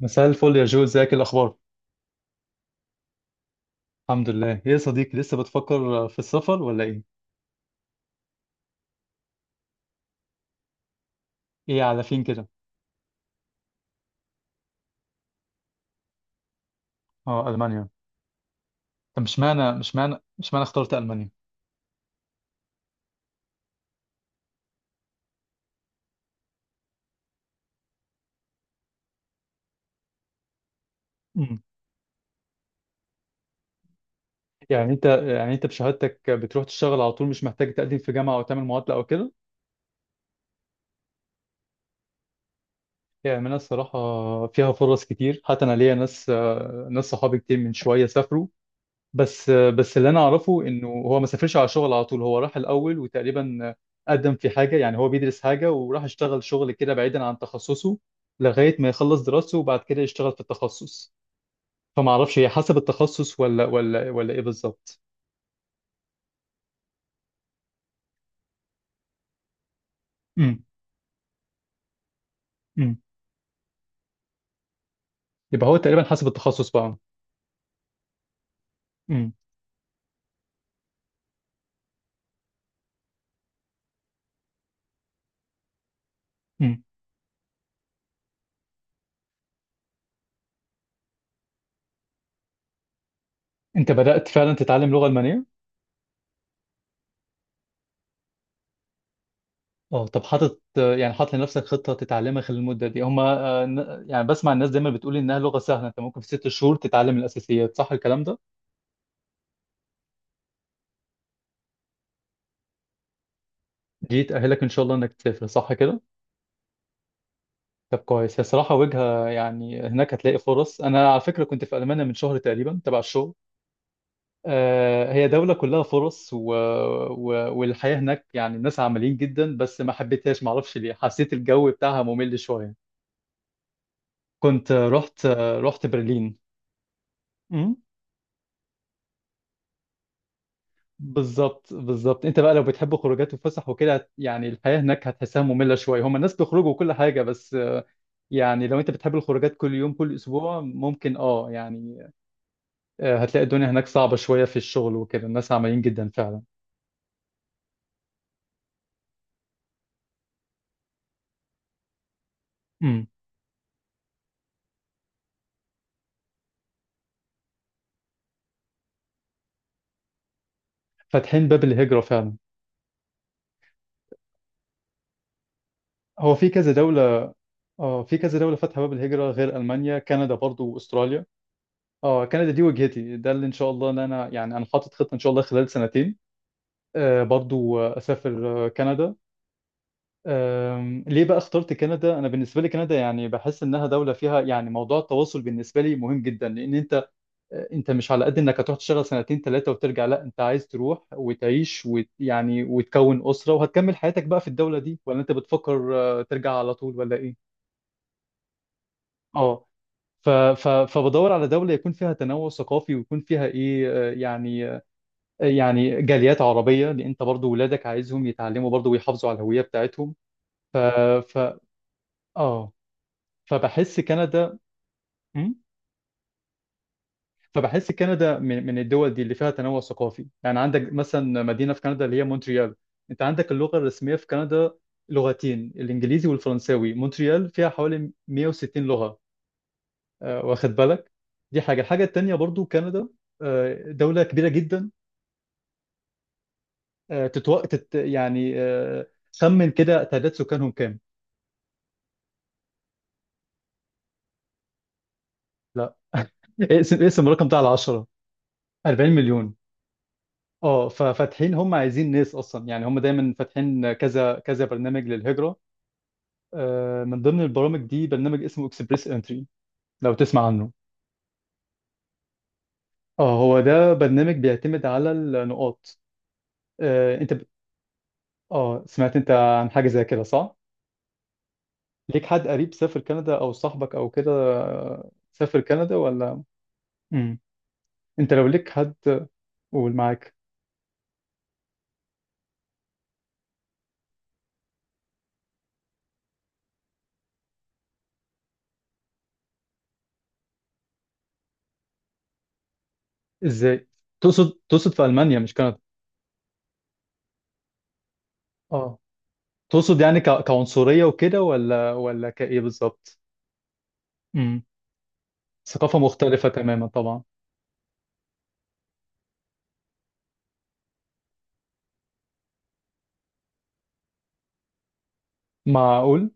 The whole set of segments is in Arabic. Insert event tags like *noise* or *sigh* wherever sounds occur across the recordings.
مساء الفل يا جو، ازيك؟ إيه الاخبار؟ الحمد لله. ايه يا صديقي، لسه بتفكر في السفر ولا ايه؟ ايه على فين كده؟ اه، المانيا. طب مش معنى اخترت المانيا؟ مم. يعني انت بشهادتك بتروح تشتغل على طول، مش محتاج تقدم في جامعه او تعمل معادله او كده؟ يعني المانيا الصراحه فيها فرص كتير، حتى انا ليا ناس، ناس صحابي كتير من شويه سافروا. بس اللي انا اعرفه انه هو ما سافرش على شغل على طول، هو راح الاول وتقريبا قدم في حاجه، يعني هو بيدرس حاجه وراح اشتغل شغل كده بعيدا عن تخصصه لغايه ما يخلص دراسته، وبعد كده يشتغل في التخصص. فما اعرفش هي حسب التخصص ولا ايه بالظبط. امم. امم. يبقى هو تقريبا حسب التخصص بقى. امم. امم. انت بدات فعلا تتعلم لغه المانيه؟ اه، طب حاطط لنفسك خطه تتعلمها خلال المده دي؟ هما يعني بسمع الناس دايما بتقول انها لغه سهله، انت ممكن في 6 شهور تتعلم الاساسيات، صح الكلام ده؟ دي تأهلك إن شاء الله إنك تسافر صح كده؟ طب كويس، هي صراحة وجهة، يعني هناك هتلاقي فرص. أنا على فكرة كنت في ألمانيا من شهر تقريبا تبع الشغل. هي دولة كلها فرص، و... والحياة هناك يعني الناس عمليين جدا، بس ما حبيتهاش، معرفش ليه، حسيت الجو بتاعها ممل شوية. كنت رحت برلين. أمم. بالظبط بالظبط، انت بقى لو بتحب خروجات وفسح وكده يعني الحياة هناك هتحسها مملة شوية، هما الناس بيخرجوا وكل حاجة، بس يعني لو انت بتحب الخروجات كل يوم كل اسبوع ممكن يعني. هتلاقي الدنيا هناك صعبة شوية في الشغل وكده، الناس عمليين جدا فعلا. امم. فاتحين باب الهجرة فعلا. هو في كذا دولة اه في كذا دولة فاتحة باب الهجرة غير المانيا، كندا برضو واستراليا. اه، كندا دي وجهتي، ده اللي ان شاء الله ان انا، يعني انا حاطط خطة ان شاء الله خلال سنتين برضو اسافر كندا. ليه بقى اخترت كندا؟ انا بالنسبه لي كندا يعني بحس انها دوله فيها، يعني موضوع التواصل بالنسبه لي مهم جدا، لان انت مش على قد انك هتروح تشتغل سنتين ثلاثة وترجع، لا انت عايز تروح وتعيش يعني وتكون أسرة وهتكمل حياتك بقى في الدولة دي، ولا انت بتفكر ترجع على طول ولا ايه؟ اه. فبدور على دولة يكون فيها تنوع ثقافي ويكون فيها ايه، يعني جاليات عربية، لان انت برضو ولادك عايزهم يتعلموا برضو ويحافظوا على الهوية بتاعتهم. ف... ف... اه فبحس كندا. م؟ فبحس كندا من الدول دي اللي فيها تنوع ثقافي، يعني عندك مثلا مدينة في كندا اللي هي مونتريال. انت عندك اللغة الرسمية في كندا لغتين، الانجليزي والفرنساوي. مونتريال فيها حوالي 160 لغة، واخد بالك. دي حاجة. الحاجة التانية برضو كندا دولة كبيرة جدا. آه، تتو... تت... يعني آه، خمن كده تعداد سكانهم كام. لا *laughs* اقسم اقسم الرقم ده على 10، 40 مليون. اه، ففاتحين، هم عايزين ناس اصلا، يعني هم دايما فاتحين كذا كذا برنامج للهجرة. من ضمن البرامج دي برنامج اسمه اكسبريس انتري، لو تسمع عنه. اه، هو ده برنامج بيعتمد على النقاط. آه، انت ب... اه، سمعت انت عن حاجة زي كده صح؟ ليك حد قريب سافر كندا او صاحبك او كده سافر كندا ولا؟ مم. انت لو ليك حد قول معاك. ازاي؟ تقصد في المانيا مش كندا؟ اه. تقصد يعني كعنصرية وكده ولا كايه بالظبط؟ مم. ثقافة مختلفة تماما طبعا. معقول؟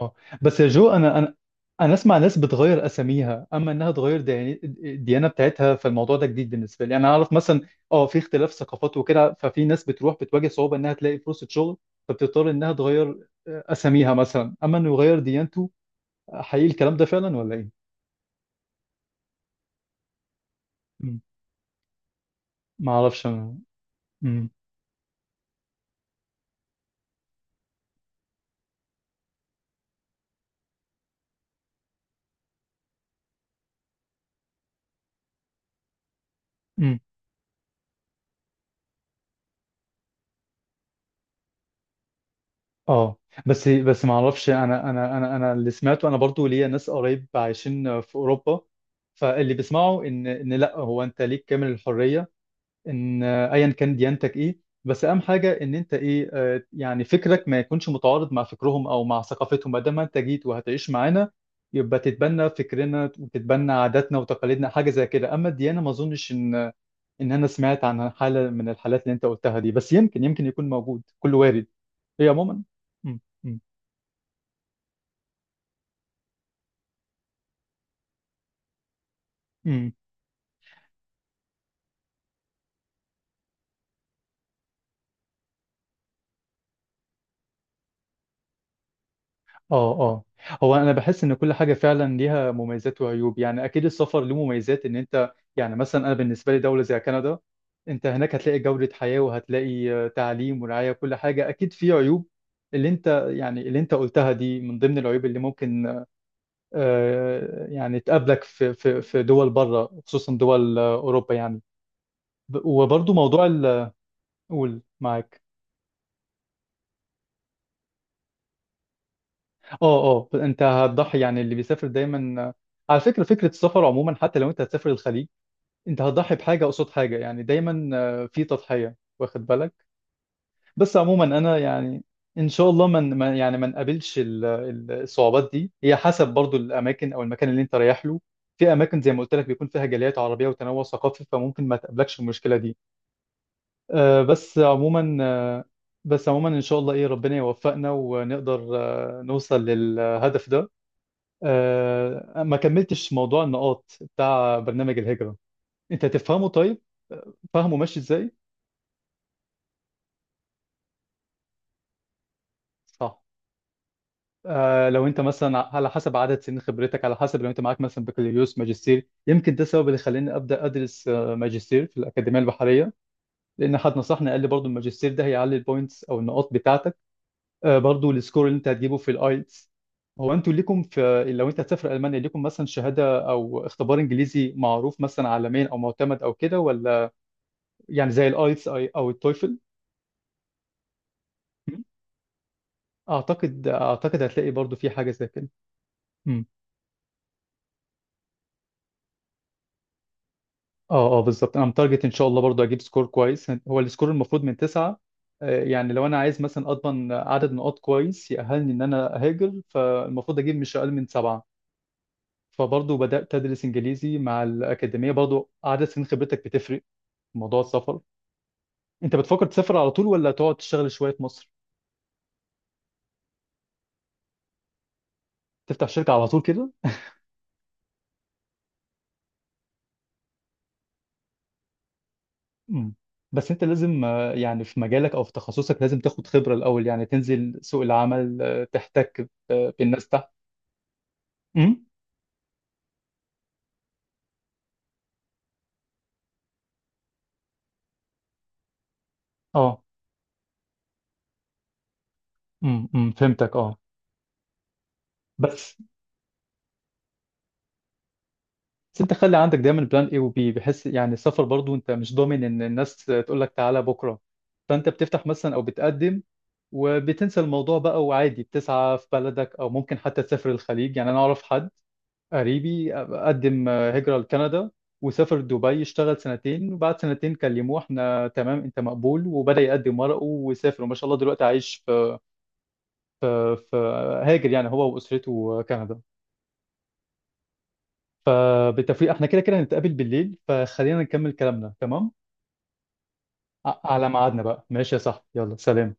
اه. بس يا جو، انا اسمع ناس بتغير اساميها اما انها تغير الديانه بتاعتها، فالموضوع ده جديد بالنسبه لي. يعني انا اعرف مثلا اه في اختلاف ثقافات وكده، ففي ناس بتروح بتواجه صعوبه انها تلاقي فرصه شغل فبتضطر انها تغير اساميها مثلا اما انه يغير ديانته. حقيقي الكلام ده فعلا ولا ايه؟ مم. ما اعرفش انا. مم. مم. اه. بس ما اعرفش انا اللي سمعته، انا برضو ليا ناس قريب عايشين في اوروبا. فاللي بيسمعوا ان لا، هو انت ليك كامل الحريه ان ايا كان ديانتك ايه، بس اهم حاجه ان انت ايه، يعني فكرك ما يكونش متعارض مع فكرهم او مع ثقافتهم، ما دام انت جيت وهتعيش معانا يبقى تتبنى فكرنا وتتبنى عاداتنا وتقاليدنا، حاجه زي كده. اما الديانه ما اظنش ان انا سمعت عن حاله من الحالات اللي انت قلتها دي، بس يمكن يكون موجود، كله وارد. هي عموما. مم. مم. اه. اه. هو انا بحس ان كل حاجه فعلا ليها مميزات وعيوب، يعني اكيد السفر له مميزات ان انت، يعني مثلا انا بالنسبه لي دوله زي كندا، انت هناك هتلاقي جوده حياه، وهتلاقي تعليم ورعايه وكل حاجه. اكيد في عيوب، اللي انت يعني اللي انت قلتها دي من ضمن العيوب اللي ممكن يعني تقابلك في دول بره، خصوصا دول اوروبا يعني. وبرضو موضوع قول معاك. اه، اه، انت هتضحي يعني، اللي بيسافر دايما. على فكره، فكره السفر عموما حتى لو انت هتسافر الخليج انت هتضحي بحاجه قصاد حاجه، يعني دايما في تضحيه واخد بالك. بس عموما انا يعني ان شاء الله من يعني ما نقابلش الصعوبات دي، هي حسب برضو الاماكن او المكان اللي انت رايح له. في اماكن زي ما قلت لك بيكون فيها جاليات عربيه وتنوع ثقافي فممكن ما تقابلكش المشكله دي. آه، بس عموما آه، بس عموما ان شاء الله ربنا يوفقنا ونقدر نوصل للهدف ده. ما كملتش موضوع النقاط بتاع برنامج الهجره، انت تفهمه طيب؟ فاهمه ماشي ازاي. صح. لو انت مثلا على حسب عدد سنين خبرتك، على حسب لو انت معاك مثلا بكالوريوس ماجستير، يمكن ده السبب اللي خلاني ابدا ادرس ماجستير في الاكاديميه البحريه، لان حد نصحني قال لي برضو الماجستير ده هيعلي البوينتس او النقاط بتاعتك. برضو السكور اللي انت هتجيبه في الايلتس. هو انتوا ليكم، في لو انت هتسافر المانيا ليكم مثلا شهاده او اختبار انجليزي معروف مثلا عالميا او معتمد او كده ولا، يعني زي الايلتس او التويفل؟ اعتقد هتلاقي برضو في حاجه زي كده. مم. اه، اه، بالظبط انا متارجت ان شاء الله برضو اجيب سكور كويس. هو السكور المفروض من 9، يعني لو انا عايز مثلا اضمن عدد نقاط كويس يأهلني ان انا اهاجر فالمفروض اجيب مش اقل من 7، فبرضو بدأت ادرس انجليزي مع الاكاديمية. برضو عدد سنين خبرتك بتفرق في موضوع السفر. انت بتفكر تسافر على طول ولا تقعد تشتغل شوية في مصر؟ تفتح شركة على طول كده؟ مم. بس انت لازم يعني في مجالك او في تخصصك لازم تاخد خبرة الاول، يعني تنزل سوق العمل تحتك بالناس تحت. مم. اه، امم، أمم، فهمتك، اه. بس بس انت خلي عندك دايما بلان اي وبي، بحيث يعني السفر برضو انت مش ضامن ان الناس تقول لك تعالى بكره، فانت بتفتح مثلا او بتقدم وبتنسى الموضوع بقى، وعادي بتسعى في بلدك او ممكن حتى تسافر الخليج. يعني انا اعرف حد قريبي قدم هجرة لكندا وسافر دبي، اشتغل سنتين، وبعد سنتين كلموه احنا تمام انت مقبول، وبدأ يقدم ورقه وسافر وما شاء الله دلوقتي عايش في في في هاجر يعني هو واسرته كندا. فبالتوفيق، احنا كده كده هنتقابل بالليل فخلينا نكمل كلامنا، تمام. على ميعادنا بقى ماشي يا صاحبي، يلا سلام.